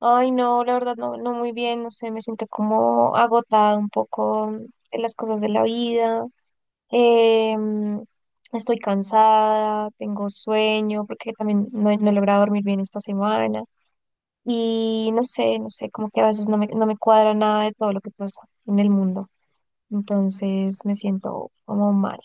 Ay, no, la verdad no muy bien, no sé, me siento como agotada un poco de las cosas de la vida. eh, mm, Estoy cansada, tengo sueño, porque también no he logrado dormir bien esta semana. Y no sé, como que a veces no me cuadra nada de todo lo que pasa en el mundo. Entonces me siento como mal.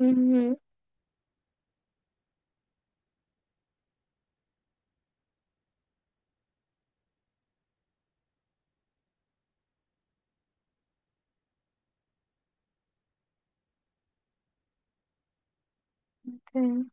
Ujú. Ok.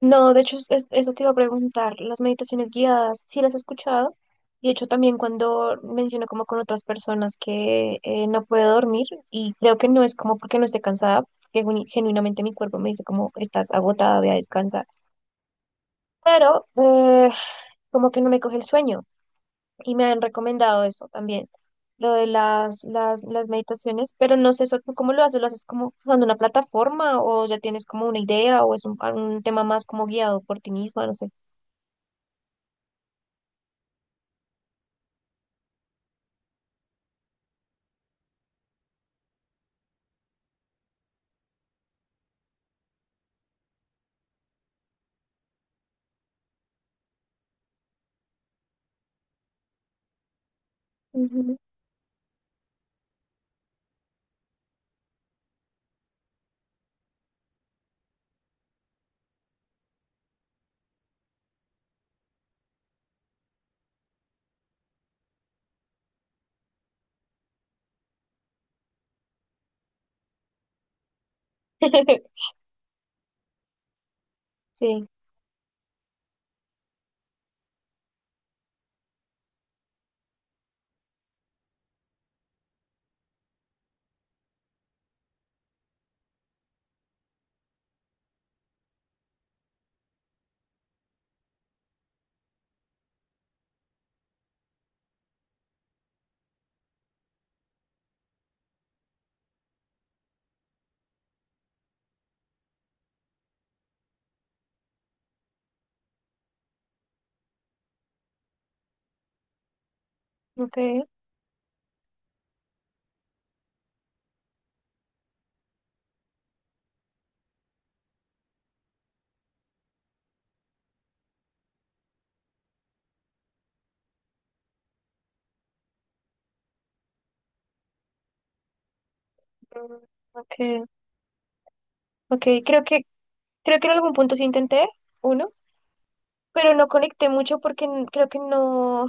No, de hecho, eso te iba a preguntar. Las meditaciones guiadas, sí las he escuchado. Y de hecho, también cuando menciono como con otras personas que no puede dormir, y creo que no es como porque no esté cansada, que genuinamente mi cuerpo me dice como estás agotada, voy a descansar. Pero como que no me coge el sueño y me han recomendado eso también, lo de las meditaciones, pero no sé eso, ¿tú cómo lo haces? ¿Lo haces como usando una plataforma o ya tienes como una idea o es un tema más como guiado por ti misma? No sé. Ujú. Sí, ok, mm, ok, ok, creo que en algún punto sí intenté uno, pero no conecté mucho porque creo que no,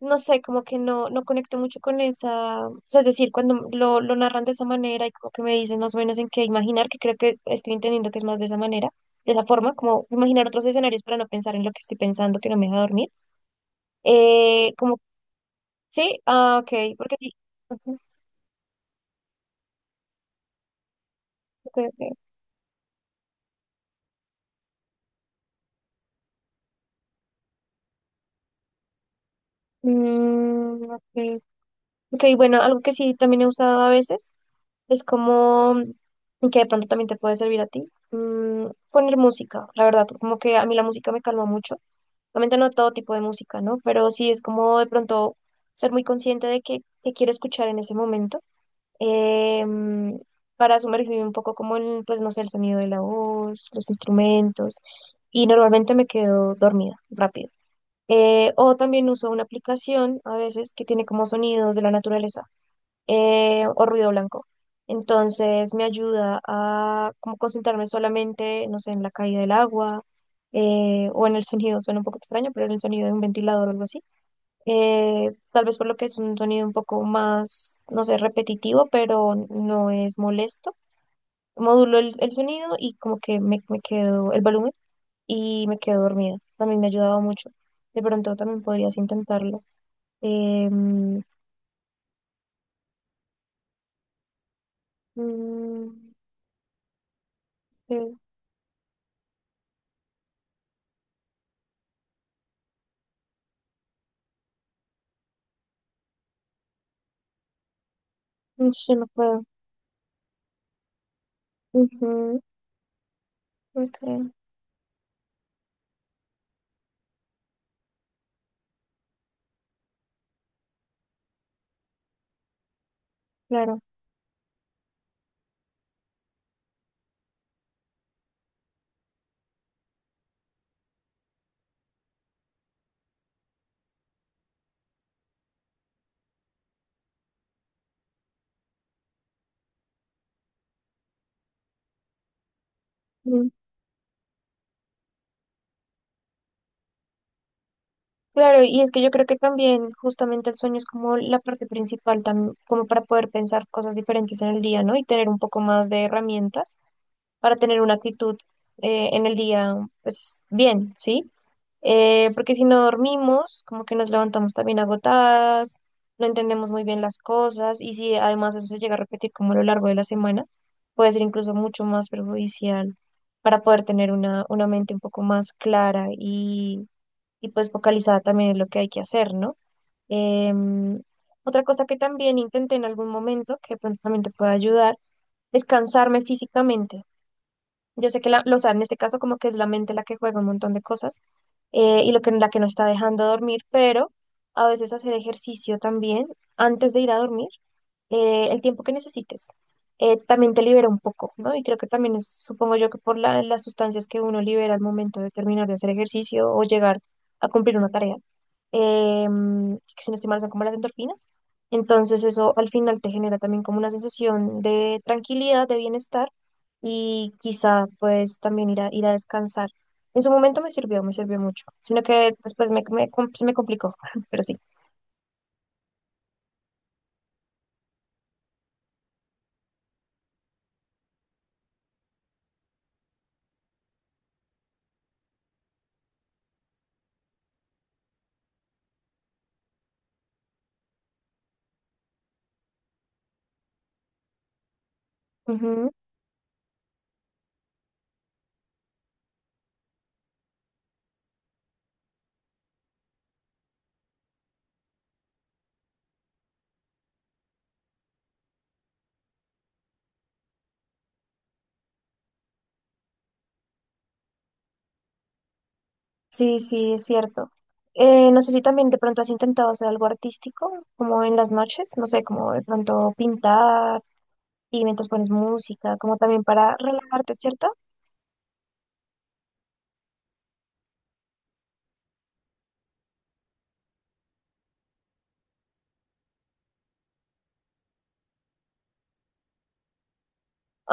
no sé, como que no conecté mucho con esa, o sea, es decir, cuando lo narran de esa manera y como que me dicen más o menos en qué imaginar, que creo que estoy entendiendo que es más de esa manera, de esa forma, como imaginar otros escenarios para no pensar en lo que estoy pensando, que no me deja dormir, eh, como, sí, ah, ok, porque sí, ujú, ok, ok. Mm, ok. Ok, bueno, algo que sí también he usado a veces es como, y que de pronto también te puede servir a ti, poner música, la verdad, como que a mí la música me calma mucho. Obviamente no todo tipo de música, ¿no? Pero sí es como de pronto ser muy consciente de qué quiero escuchar en ese momento, eh, mm, para sumergirme un poco como en, pues no sé, el sonido de la voz, los instrumentos, y normalmente me quedo dormida rápido. O también uso una aplicación a veces que tiene como sonidos de la naturaleza, o ruido blanco. Entonces me ayuda a como concentrarme solamente, no sé, en la caída del agua, o en el sonido, suena un poco extraño, pero en el sonido de un ventilador o algo así. Tal vez por lo que es un sonido un poco más, no sé, repetitivo, pero no es molesto. Modulo el sonido y como que me quedo el volumen y me quedo dormida. También me ha ayudado mucho. De pronto también podrías intentarlo. Em, mm, eh, no sé, no puedo. Ujú, ok, claro. Mm. Claro, y es que yo creo que también justamente el sueño es como la parte principal, como para poder pensar cosas diferentes en el día, ¿no? Y tener un poco más de herramientas para tener una actitud en el día, pues bien, ¿sí? Eh, porque si no dormimos, como que nos levantamos también agotadas, no entendemos muy bien las cosas y si además eso se llega a repetir como a lo largo de la semana, puede ser incluso mucho más perjudicial para poder tener una mente un poco más clara y pues focalizada también en lo que hay que hacer, ¿no? Em, Otra cosa que también intenté en algún momento, que de pronto también te puede ayudar, es cansarme físicamente. Yo sé que o sea, en este caso como que es la mente la que juega un montón de cosas, y la que no está dejando dormir, pero a veces hacer ejercicio también antes de ir a dormir, el tiempo que necesites. También te libera un poco, ¿no? Y creo que también es, supongo yo que por las sustancias que uno libera al momento de terminar de hacer ejercicio o llegar a cumplir una tarea, eh, que si no estoy mal son como las endorfinas. Entonces eso al final te genera también como una sensación de tranquilidad, de bienestar y quizá pues también ir a descansar. En su momento me sirvió mucho, sino que después se me complicó, pero sí. Sí, sí, es cierto. No sé si también de pronto has intentado hacer algo artístico, como en las noches, no sé, como de pronto pintar y mientras pones música, como también para relajarte, ¿cierto?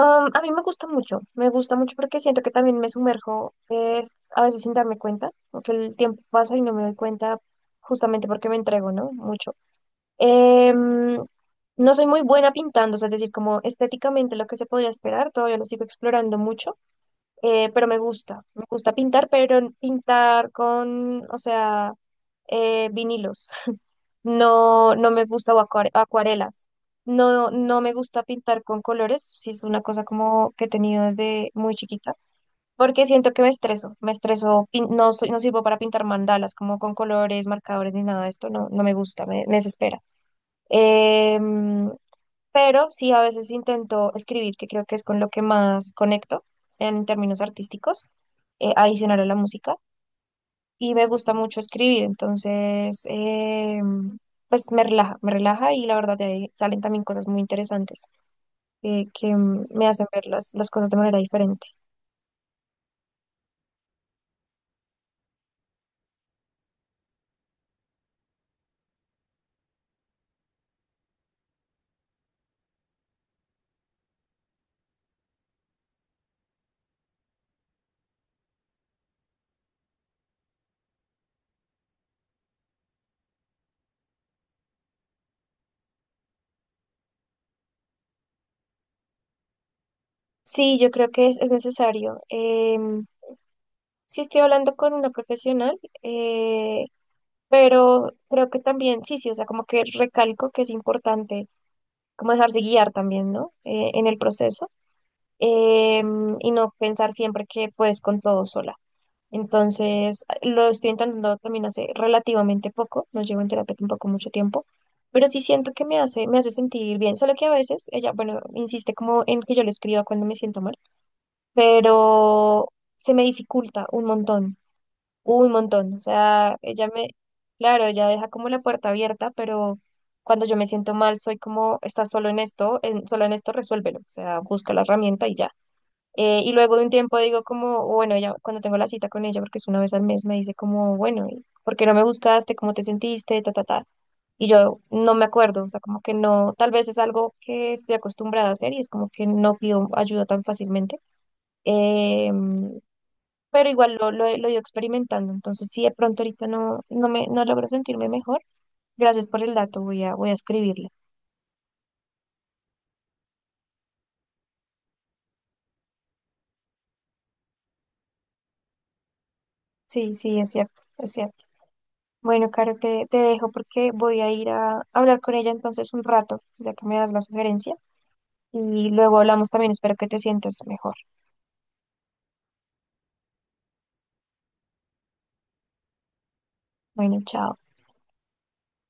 Um, a mí me gusta mucho porque siento que también me sumerjo, a veces sin darme cuenta, porque el tiempo pasa y no me doy cuenta justamente porque me entrego, ¿no? Mucho. Em, no soy muy buena pintando, o sea, es decir, como estéticamente lo que se podría esperar, todavía lo sigo explorando mucho. Pero me gusta pintar, pero pintar con, o sea, vinilos. No, no me gusta o acuarelas. No, no me gusta pintar con colores, si es una cosa como que he tenido desde muy chiquita, porque siento que me estreso, no sirvo para pintar mandalas como con colores, marcadores ni nada de esto, no, no me gusta, me desespera. Em, pero sí a veces intento escribir, que creo que es con lo que más conecto en términos artísticos, adicional a la música, y me gusta mucho escribir, entonces, pues me relaja y la verdad de ahí salen también cosas muy interesantes, me hacen ver las cosas de manera diferente. Sí, yo creo que es necesario. Sí estoy hablando con una profesional, pero creo que también, sí, sí, o sea, como que recalco que es importante como dejarse guiar también, ¿no? En el proceso, eh, y no pensar siempre que puedes con todo sola. Entonces, lo estoy intentando también hace relativamente poco, no llevo en terapia tampoco mucho tiempo, pero sí siento que me hace sentir bien, solo que a veces ella, bueno, insiste como en que yo le escriba cuando me siento mal, pero se me dificulta un montón, o sea, claro, ella deja como la puerta abierta, pero cuando yo me siento mal, soy como, estás solo en esto, solo en esto, resuélvelo, o sea, busca la herramienta y ya. Y luego de un tiempo digo como, bueno, ella, cuando tengo la cita con ella, porque es una vez al mes, me dice como, bueno, ¿por qué no me buscaste? ¿Cómo te sentiste? Ta, ta, ta. Y yo no me acuerdo, o sea, como que no, tal vez es algo que estoy acostumbrada a hacer y es como que no pido ayuda tan fácilmente. Em, pero igual lo he ido experimentando. Entonces, si de pronto ahorita no logro sentirme mejor, gracias por el dato, voy a escribirle. Sí, sí, es cierto, es cierto. Bueno, Caro, te dejo porque voy a ir a hablar con ella entonces un rato, ya que me das la sugerencia. Y luego hablamos también, espero que te sientas mejor. Bueno, chao.